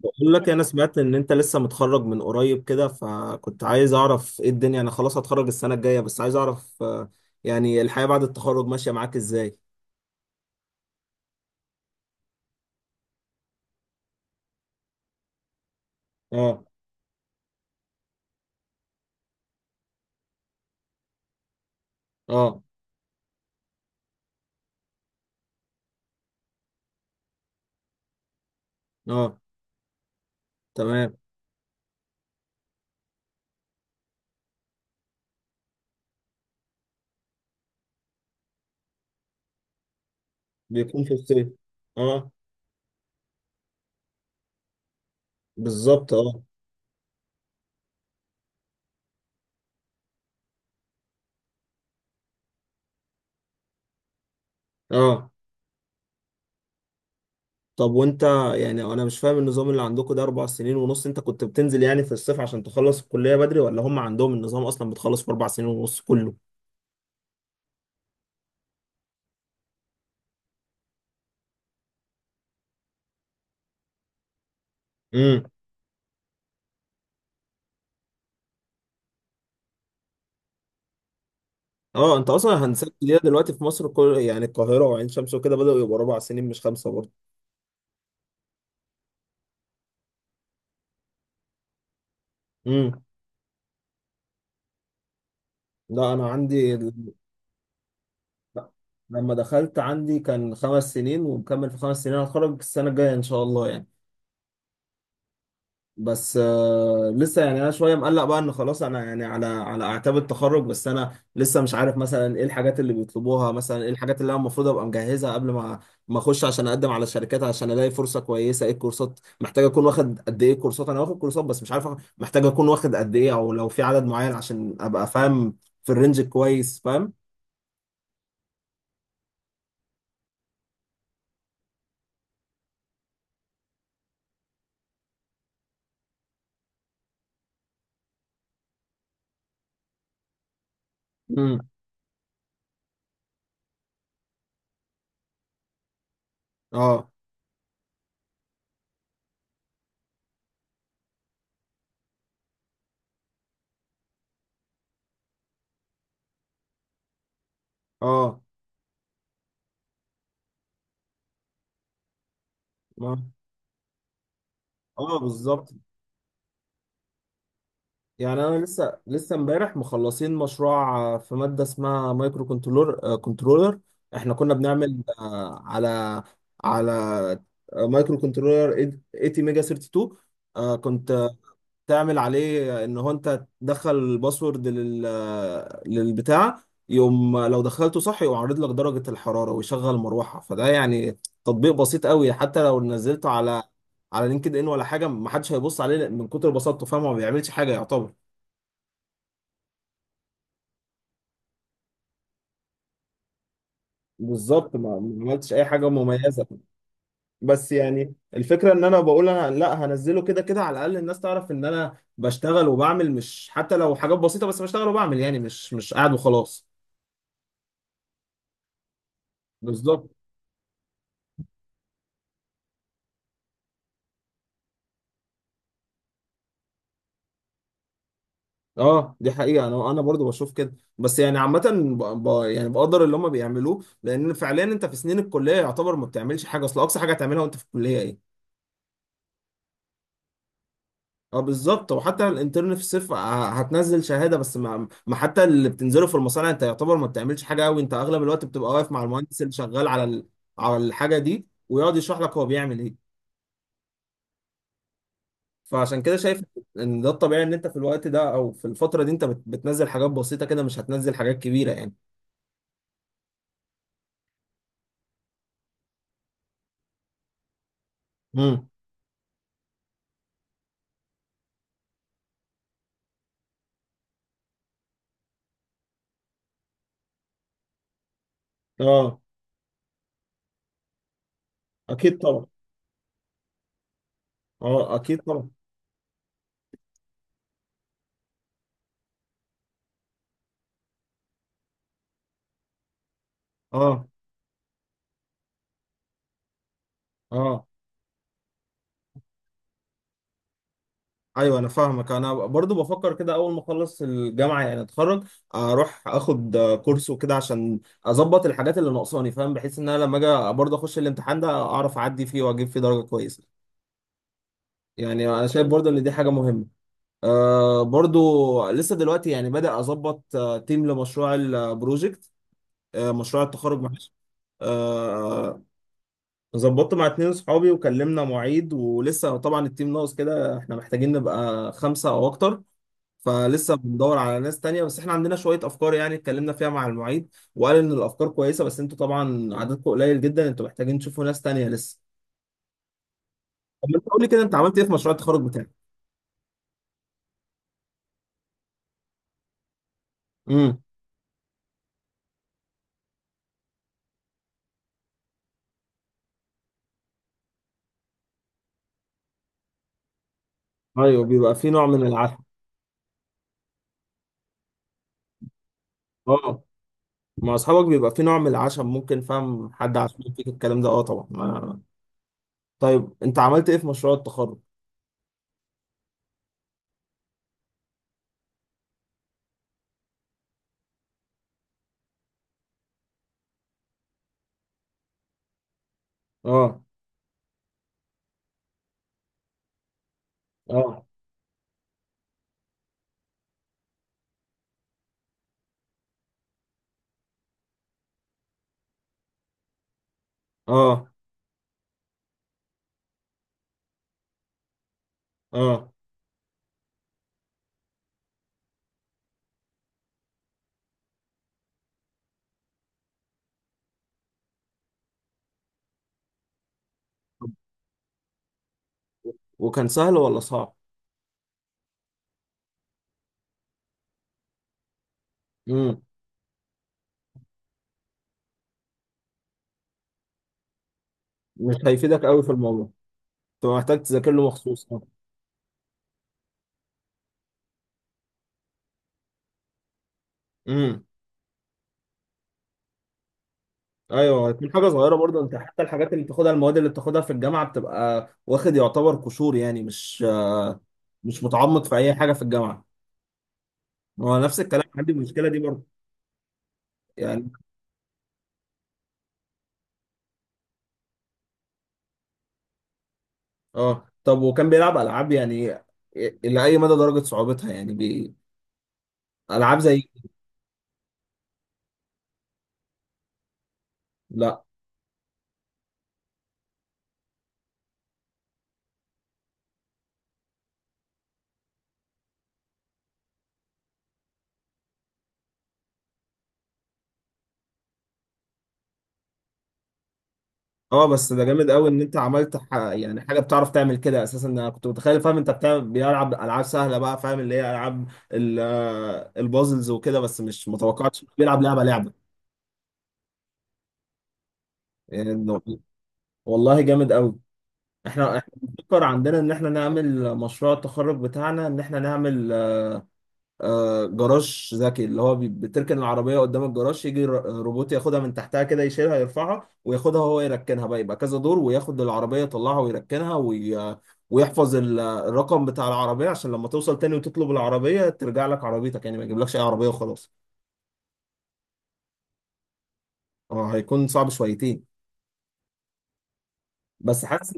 بقول لك انا سمعت ان انت لسه متخرج من قريب كده فكنت عايز اعرف ايه الدنيا. انا خلاص هتخرج السنة الجاية بس عايز اعرف، يعني الحياة بعد التخرج ماشية معاك ازاي؟ اه. اه. اه. تمام. بيكون في الصيف. اه، بالظبط. اه. اه. طب وانت، يعني انا مش فاهم النظام اللي عندكم ده اربع سنين ونص، انت كنت بتنزل يعني في الصيف عشان تخلص الكلية بدري، ولا هم عندهم النظام اصلا بتخلص في اربع سنين ونص كله؟ امم. اه، انت اصلا هندسه جديده، دلوقتي في مصر كل يعني القاهره وعين شمس وكده بداوا يبقوا اربع سنين مش خمسه برضه. امم. لا انا عندي لا. لما دخلت عندي كان خمس سنين، ومكمل في خمس سنين، هتخرج السنه الجايه ان شاء الله يعني. بس لسه يعني انا شويه مقلق بقى ان خلاص انا يعني على اعتاب التخرج، بس انا لسه مش عارف مثلا ايه الحاجات اللي بيطلبوها، مثلا ايه الحاجات اللي انا المفروض ابقى مجهزها قبل ما اخش عشان اقدم على شركات عشان الاقي فرصه كويسه. ايه الكورسات محتاج اكون واخد، قد ايه كورسات؟ انا واخد كورسات بس مش عارف محتاج اكون واخد قد ايه، او لو في عدد معين، عشان ابقى فاهم في الرينج كويس فاهم. امم. اه. اه. ما- اه، بالظبط. يعني انا لسه امبارح مخلصين مشروع، في ماده اسمها مايكرو كنترولر، احنا كنا بنعمل على مايكرو كنترولر 80 ميجا 32. كنت تعمل عليه ان هو انت تدخل الباسورد لل آه، للبتاع، يقوم لو دخلته صح يقوم عارض لك درجه الحراره ويشغل مروحه. فده يعني تطبيق بسيط قوي، حتى لو نزلته على لينكد ان ولا حاجه محدش هيبص عليه من كتر بساطته فاهم، هو ما بيعملش حاجه يعتبر. بالظبط، ما عملتش اي حاجه مميزه، بس يعني الفكره ان انا بقول انا لا هنزله كده كده، على الاقل الناس تعرف ان انا بشتغل وبعمل، مش حتى لو حاجات بسيطه بس بشتغل وبعمل، يعني مش قاعد وخلاص. بالظبط. اه، دي حقيقه، انا برضو بشوف كده، بس يعني عامه يعني بقدر اللي هم بيعملوه، لان فعليا انت في سنين الكليه يعتبر ما بتعملش حاجه، اصل اقصى حاجه هتعملها وانت في الكليه ايه؟ اه، بالظبط، وحتى الانترن في الصيف هتنزل شهاده بس، ما حتى اللي بتنزله في المصانع انت يعتبر ما بتعملش حاجه قوي، انت اغلب الوقت بتبقى واقف مع المهندس اللي شغال على الحاجه دي، ويقعد يشرح لك هو بيعمل ايه. فعشان كده شايف ان ده الطبيعي، ان انت في الوقت ده او في الفتره دي انت بتنزل حاجات بسيطه كده، مش هتنزل حاجات كبيره يعني. امم. اه، اكيد طبعا. اه، اكيد طبعا. اه. اه. ايوه انا فاهمك، انا برضو بفكر كده، اول ما اخلص الجامعه يعني اتخرج، اروح اخد كورس وكده عشان اظبط الحاجات اللي ناقصاني فاهم، بحيث ان انا لما اجي برضو اخش الامتحان ده اعرف اعدي فيه واجيب فيه درجه كويسه. يعني انا شايف برضو ان دي حاجه مهمه. أه، برضو لسه دلوقتي يعني بدأ اظبط تيم لمشروع البروجكت آه، مشروع التخرج، معلش. آه، ظبطت مع اتنين صحابي وكلمنا معيد، ولسه طبعا التيم ناقص كده، احنا محتاجين نبقى خمسة او اكتر، فلسه بندور على ناس تانية. بس احنا عندنا شوية افكار يعني اتكلمنا فيها مع المعيد، وقال ان الافكار كويسة بس انتوا طبعا عددكم قليل جدا، انتوا محتاجين تشوفوا ناس تانية لسه. طب انت قول لي كده، انت عملت ايه في مشروع التخرج بتاعك؟ امم. ايوه، بيبقى في نوع من العشم. اه، مع اصحابك بيبقى في نوع من العشم ممكن فاهم حد عشان فيك الكلام ده، اه طبعا. طيب انت عملت ايه في مشروع التخرج؟ اه. اه. اه. اه. وكان سهل ولا صعب؟ امم. مش هيفيدك قوي في الموضوع، انت محتاج تذاكر له مخصوص، اه. امم. ايوه، هتكون حاجه صغيره برضه، انت حتى الحاجات اللي بتاخدها، المواد اللي بتاخدها في الجامعه بتبقى واخد يعتبر قشور، يعني مش مش متعمق في اي حاجه في الجامعه. هو نفس الكلام عندي المشكله دي برضه يعني. اه، طب وكان بيلعب العاب يعني؟ الى اي مدى درجه صعوبتها يعني العاب زي؟ لا. اه، بس ده جامد قوي ان انت عملت يعني حاجه بتعرف تعمل كده اساسا. انا كنت متخيل فاهم انت بتعمل بيلعب العاب سهله بقى، فاهم اللي هي العاب البازلز وكده، بس مش متوقعتش بيلعب لعبه يعني. والله جامد قوي. احنا بنفكر عندنا ان احنا نعمل مشروع التخرج بتاعنا، ان احنا نعمل جراج ذكي، اللي هو بتركن العربية قدام الجراج، يجي روبوت ياخدها من تحتها كده، يشيلها يرفعها وياخدها هو يركنها بقى، يبقى كذا دور، وياخد العربية يطلعها ويركنها، ويحفظ الرقم بتاع العربية عشان لما توصل تاني وتطلب العربية ترجع لك عربيتك، يعني ما يجيبلكش اي عربية وخلاص. اه، هيكون صعب شويتين بس حاسس.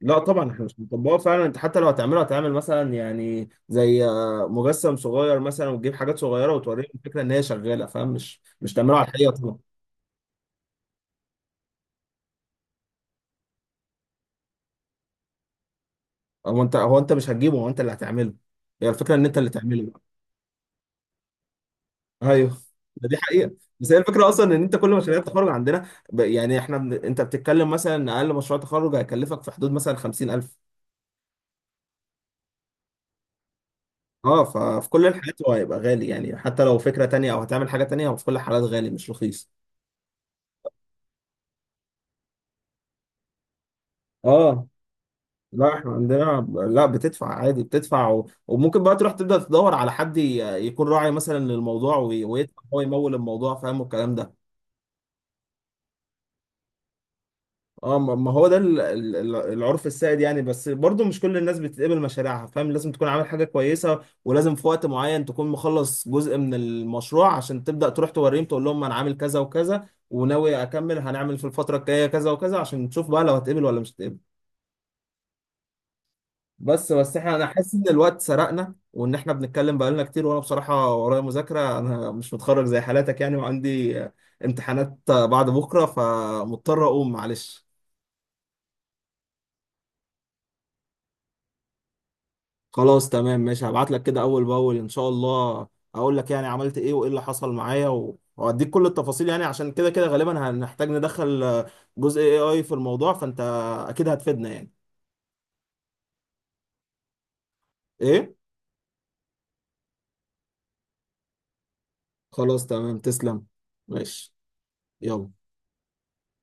لا طبعا احنا مش بنطبقها فعلا، انت حتى لو هتعمله هتعمل مثلا يعني زي مجسم صغير مثلا، وتجيب حاجات صغيره وتوريهم الفكره ان هي شغاله فاهم، مش تعمله على الحقيقه طبعا. هو انت مش هتجيبه، هو انت اللي هتعمله. هي الفكره ان انت اللي تعمله بقى. ايوه، دي حقيقه. بس هي الفكره اصلا، ان انت كل مشاريع التخرج عندنا، انت بتتكلم مثلا ان اقل مشروع تخرج هيكلفك في حدود مثلا 50,000. اه، ففي كل الحالات هو هيبقى غالي، يعني حتى لو فكره تانيه او هتعمل حاجه تانيه هو في كل الحالات غالي مش رخيص. اه. لا احنا عندنا لا بتدفع عادي، بتدفع وممكن بقى تروح تبدأ تدور على حد يكون راعي مثلا للموضوع، ويدفع هو، يمول الموضوع فاهم والكلام ده. اه، ما هو ده العرف السائد يعني، بس برضو مش كل الناس بتتقبل مشاريعها فاهم، لازم تكون عامل حاجة كويسة، ولازم في وقت معين تكون مخلص جزء من المشروع عشان تبدأ تروح توريهم تقول لهم انا عامل كذا وكذا وناوي اكمل، هنعمل في الفترة الجاية كذا وكذا، عشان تشوف بقى لو هتقبل ولا مش هتقبل. بس احنا، انا حاسس ان الوقت سرقنا وان احنا بنتكلم بقالنا كتير، وانا بصراحه ورايا مذاكره، انا مش متخرج زي حالاتك يعني، وعندي امتحانات بعد بكره، فمضطر اقوم معلش. خلاص تمام ماشي، هبعت لك كده اول باول ان شاء الله، اقول لك يعني عملت ايه وايه اللي حصل معايا، واديك كل التفاصيل، يعني عشان كده كده غالبا هنحتاج ندخل جزء اي اي في الموضوع، فانت اكيد هتفيدنا يعني. ايه؟ خلاص تمام، تسلم. ماشي. يلا.